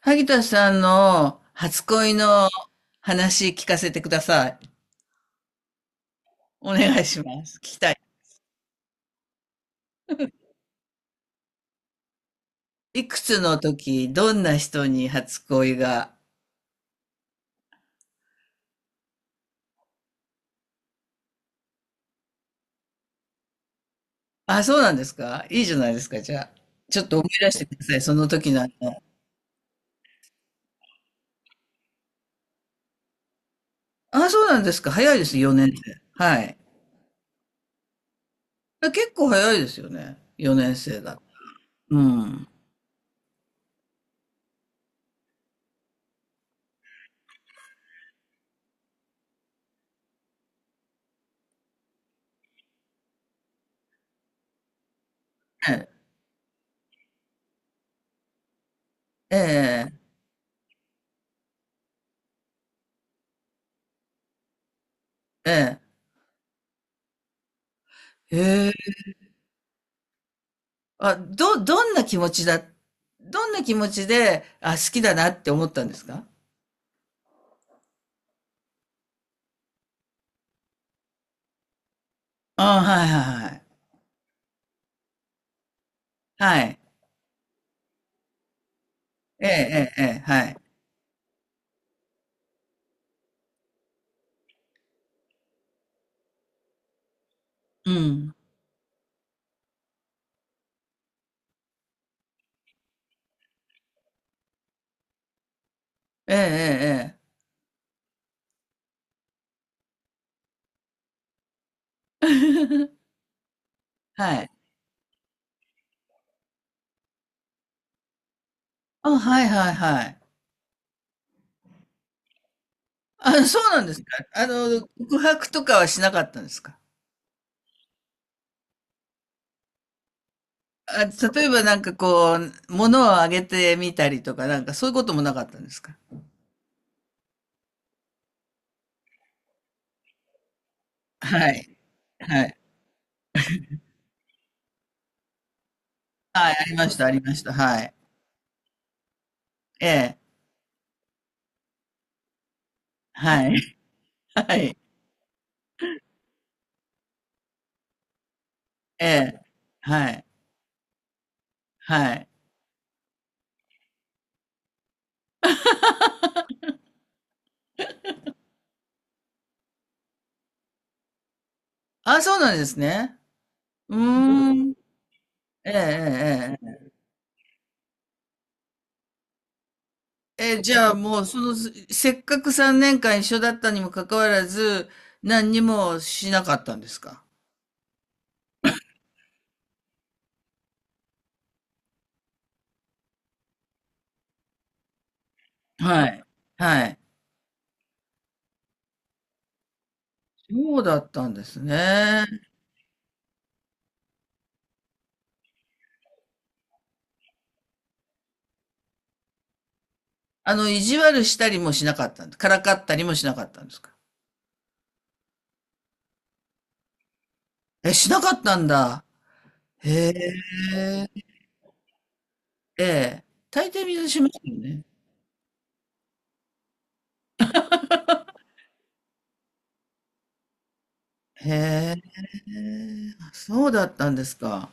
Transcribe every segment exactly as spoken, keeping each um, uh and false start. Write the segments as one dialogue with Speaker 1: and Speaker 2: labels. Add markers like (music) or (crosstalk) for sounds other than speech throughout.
Speaker 1: 萩田さんの初恋の話聞かせてください。お願いします。聞きたい。いくつの時、どんな人に初恋が。あ、そうなんですか。いいじゃないですか、じゃあ。ちょっと思い出してください、その時なんの。あ、そうなんですか。早いです、よねん生。はい。結構早いですよね。よねん生だ。うん。ええ、ええ、ええ。ええ。あ、ど、どんな気持ちだ、どんな気持ちで、あ、好きだなって思ったんですか？ああ、はいはいはいはい。ええええええ、はい。うん。ええええええ。(laughs) はい。あ、はいはいはい。あ、そうなんですか。あの、告白とかはしなかったんですか。あ、例えばなんかこう、物をあげてみたりとか、なんかそういうこともなかったんですか。はい。はい。はい、ありましたありました。はい。ええ。はい。(laughs) はい。ええ。はい。はい。あ、そうなんですね。うーん。ええええええ、じゃあもう、その、せっかくさんねんかん一緒だったにもかかわらず、何にもしなかったんですか。はい。はい。そうだったんですね。あの、意地悪したりもしなかったんで、からかったりもしなかったんですか？え、しなかったんだ。へえ。ええ。大抵みんなしますよね。へえ。あ、そうだったんですか。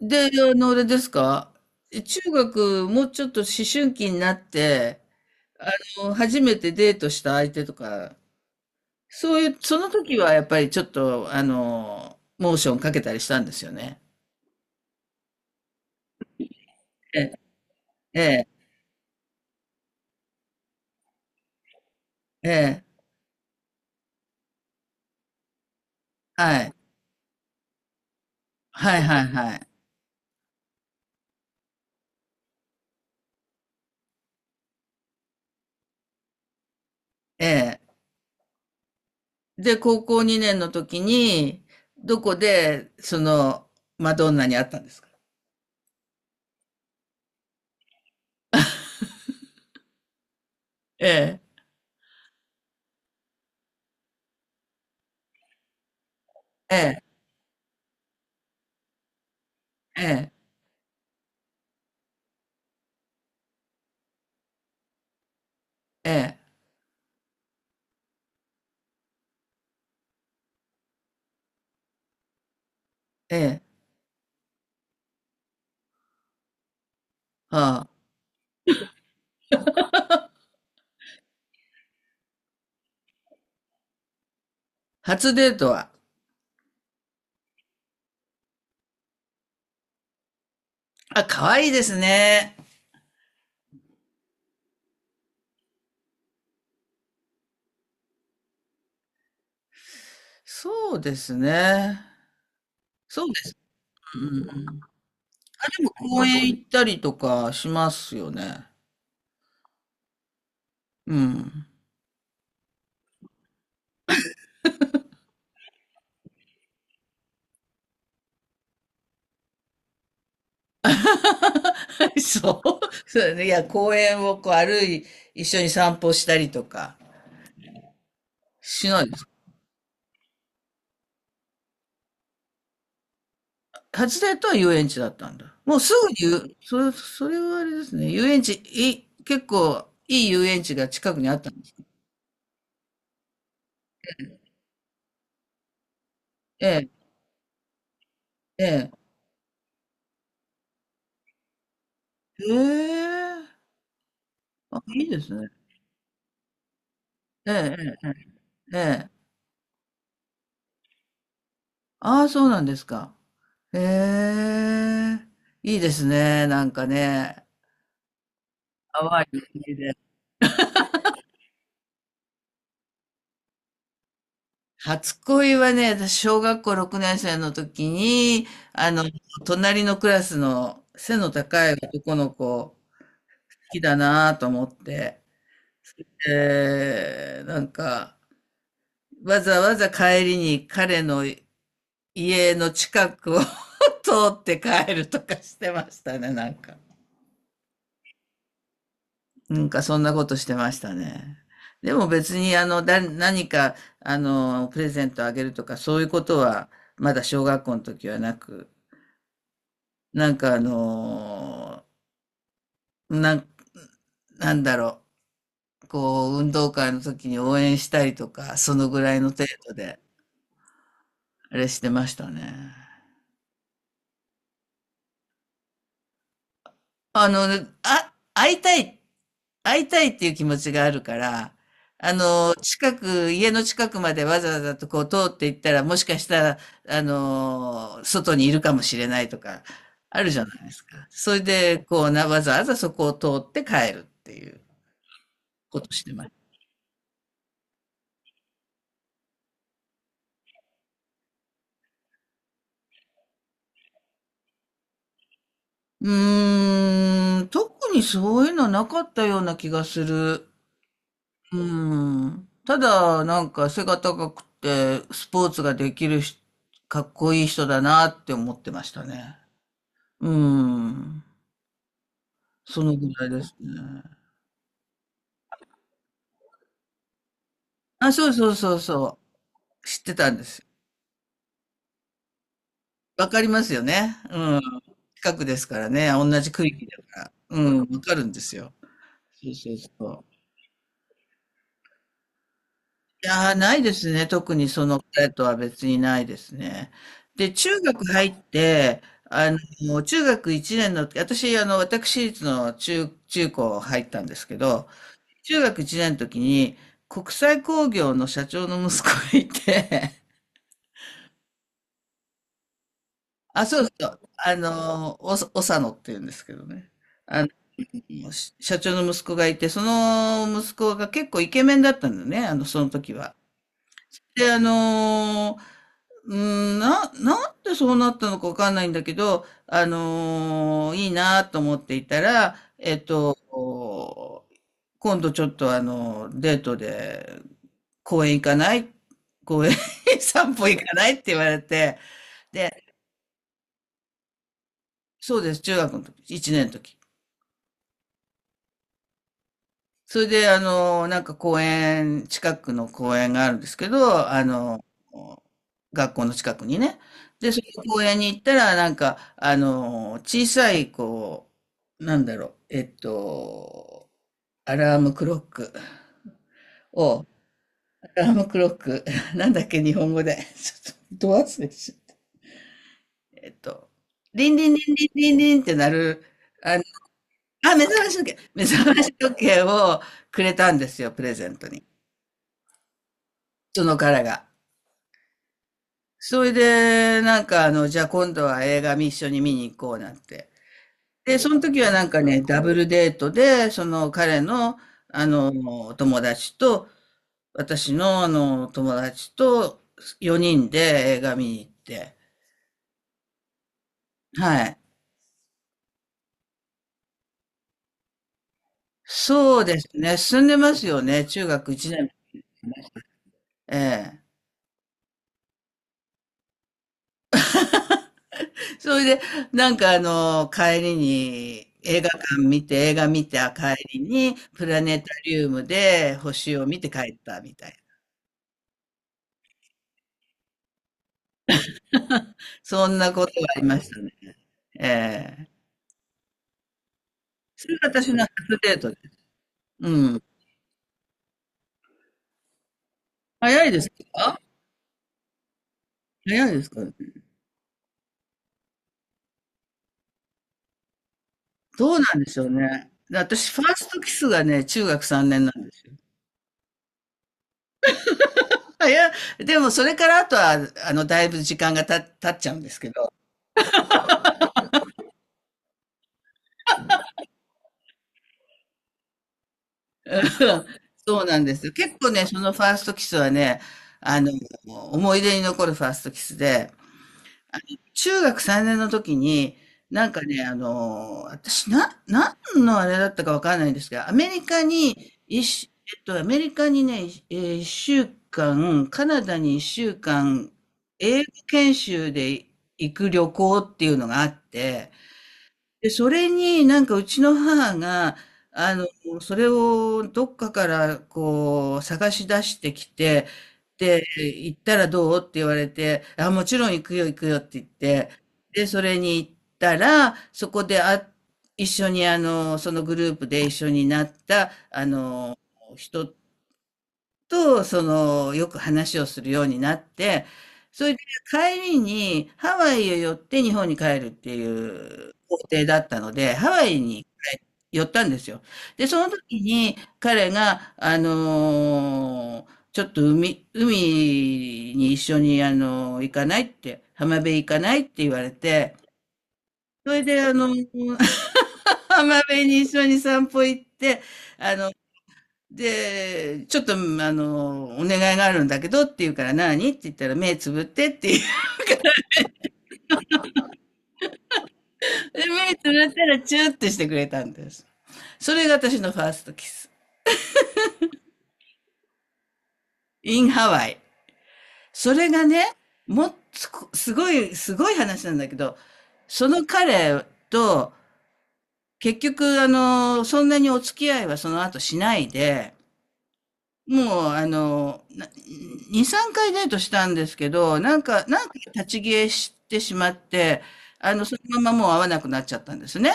Speaker 1: で、あの、あれですか。え、中学、もうちょっと思春期になって、あの、初めてデートした相手とか、そういう、その時はやっぱりちょっと、あの、モーションかけたりしたんですよね。ええ、ええ、ええ。はい。はいはいはい。ええ。で、高校にねんの時に、どこで、その、マドンナに会ったんですか？ええ、ええ、ええ、ええ、ええ、はあ。初デートは、あ、可愛いですね。そうですね。そうです。うんうん。公園行ったりとかしますよね。うん。(laughs) そう。そうだね。いや、公園をこう歩い、一緒に散歩したりとかしないですか。初デートは遊園地だったんだ。もうすぐに言う、それ、それはあれですね。遊園地、い、結構いい遊園地が近くにあったんです。ええ、ええ。ええ。あ、いいですね。ええ、ええ、ええ。ああ、そうなんですか。ええ。いいですね。なんかね。淡い思い出。初恋はね、私、小学校ろくねん生の時に、あの、隣のクラスの背の高い男の子、好きだなぁと思って、えー、なんか、わざわざ帰りに彼の家の近くを (laughs) 通って帰るとかしてましたね、なんか。なんか、そんなことしてましたね。でも別に、あの、だ、何か、あの、プレゼントあげるとか、そういうことは、まだ小学校の時はなく、なんかあのーなん、なんだろう、こう、運動会の時に応援したりとか、そのぐらいの程度で、あれしてましたね。あの、あ、会いたい、会いたいっていう気持ちがあるから、あの、近く、家の近くまでわざわざとこう通っていったら、もしかしたら、あの、外にいるかもしれないとか、あるじゃないですか。それで、こうな、わざわざそこを通って帰るっていうことしてます。うーん、特にそういうのなかったような気がする。うん。ただ、なんか背が高くて、スポーツができるし、かっこいい人だなって思ってましたね。うん。そのぐらいですね。あ、そうそうそうそう。知ってたんですよ。わかりますよね。うん。近くですからね。同じ区域だから。うん。わかるんですよ。そうそうそう。いやー、ないですね。特にその彼とは別にないですね。で、中学入って、あの、中学1年の、私、あの、私立の中、中高入ったんですけど、中学いちねんの時に、国際興業の社長の息子がいて、(laughs) あ、そうそう、あの、お、おさのって言うんですけどね。あの、し社長の息子がいて、その息子が結構イケメンだったんだね、あの、その時は。で、あのうん、な、なんでそうなったのかわかんないんだけど、あのーいいなと思っていたら、えっと、今度ちょっとあの、デートで公園行かない公園 (laughs) 散歩行かないって言われて、で、そうです、中学の時、いちねんの時。それで、あの、なんか公園、近くの公園があるんですけど、あの、学校の近くにね。で、その公園に行ったら、なんか、あの、小さい、こう、なんだろう、えっと、アラームクロックを、アラームクロック、(laughs) なんだっけ、日本語で。(laughs) ちょっと、ど忘れしちゃった。えっと、リンリンリンリンリンリンって鳴る、あの、あ、目覚まし時計、目覚まし時計をくれたんですよ、プレゼントに。その彼が。それで、なんかあの、じゃあ今度は映画見一緒に見に行こうなんて。で、その時はなんかね、ダブルデートで、その彼の、あの、友達と、私のあの、友達とよにんで映画見に行って。はい。そうですね。進んでますよね。中学いちねん。ええ。それで、なんかあの、帰りに、映画館見て、映画見た帰りに、プラネタリウムで星を見て帰ったみたいな。そんなことがありましたね。ええ。それが私の初デートです。うん。早いですか？早いですかね。どうなんでしょうね。で、私ファーストキスがね、中学さんねんなんですよ。あいやでもそれからあとは、あの、だいぶ時間がた経っちゃうんですけど。(laughs) うん。そうなんですよ。結構ね、そのファーストキスはね、あの、思い出に残るファーストキスで、中学さんねんの時に、なんかね、あの、私、な、何のあれだったかわかんないんですが、アメリカに、一週、えっと、アメリカにね、えー一週間、カナダに一週間、英語研修で行く旅行っていうのがあって、で、それになんかうちの母が、あの、それをどっかからこう探し出してきて、で、行ったらどうって言われて、あ、もちろん行くよ行くよって言って、で、それに行ったら、そこであ、一緒にあの、そのグループで一緒になった、あの、人と、その、よく話をするようになって、それで帰りにハワイへ寄って日本に帰るっていう行程だったので、ハワイに寄ったんですよ。で、その時に彼が、あのーちょっと海、海に一緒に、あのー行かないって、浜辺行かないって言われて、それで、あのー (laughs) 浜辺に一緒に散歩行って、あので、ちょっと、あの、お願いがあるんだけどって言うから何って言ったら目つぶってって言う。(laughs) で目つぶったらチューってしてくれたんです。それが私のファーストキス。in ハワイ。それがね、もっと、すごい、すごい話なんだけど、その彼と、結局、あの、そんなにお付き合いはその後しないで、もう、あの、なに、さんかいデートしたんですけど、なんかなんか立ち消えしてしまって、あの、そのままもう会わなくなっちゃったんですね。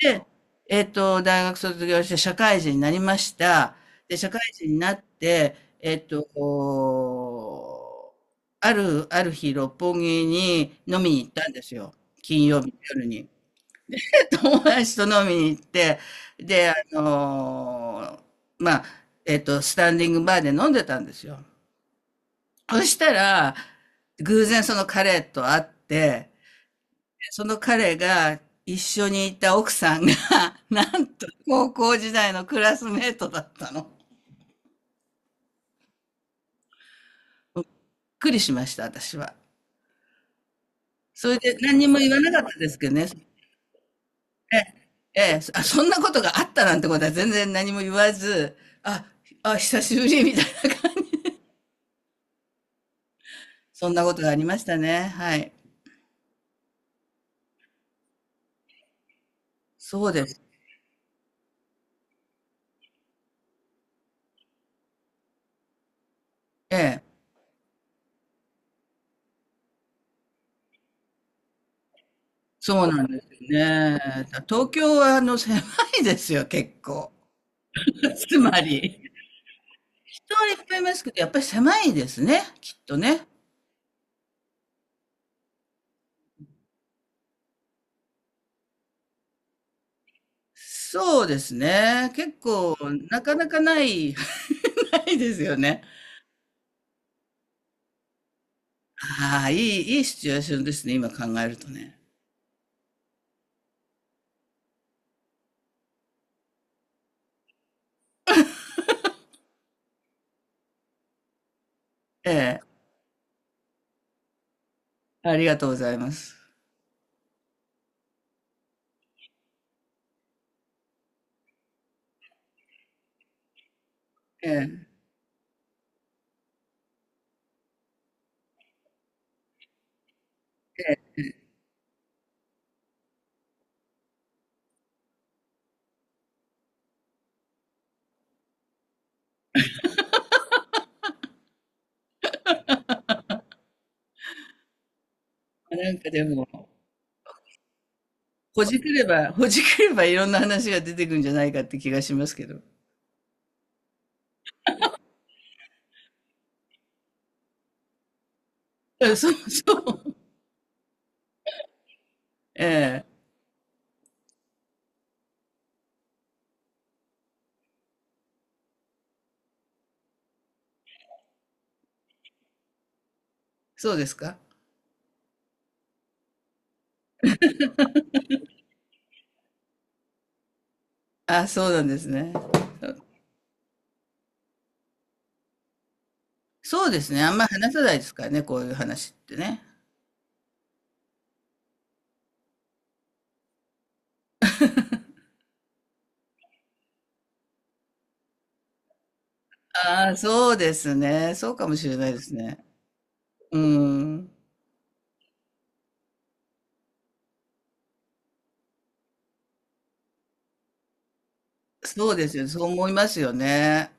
Speaker 1: で、えっと、大学卒業して社会人になりました。で、社会人になって、えっと、こう、あるある日、六本木に飲みに行ったんですよ。金曜日の夜に。(laughs) 友達と飲みに行って、で、あのーまあ、えっと、スタンディングバーで飲んでたんですよ。そしたら、偶然その彼と会って、その彼が一緒にいた奥さんが、(laughs) なんと高校時代のクラスメートだったの。びっくりしました、私は。それで何にも言わなかったですけどね。ええ、ええそあ、そんなことがあったなんてことは全然何も言わず、あ、あ、久しぶりみたいな。そんなことがありましたね。はい。そうです。ええ。そうなんですね。だ東京はあの狭いですよ、結構。(laughs) つまり。人はいっぱいいますけど、やっぱり狭いですね、きっとね。そうですね。結構なかなかない (laughs) ないですよね。ああ、いい、いいシチュエーションですね、今考えるとね。ええ、ありがとうございます。ええ、ええ、なんかでも、ほじくれば、ほじくればいろんな話が出てくるんじゃないかって気がしますけど。えそう、そう。ええ、そうですか。あ、そうなんですね。そうですね。あんまり話さないですからね、こういう話ってね。ああ、そうですね。そうかもしれないですね。うん。そうですよ。そう思いますよね。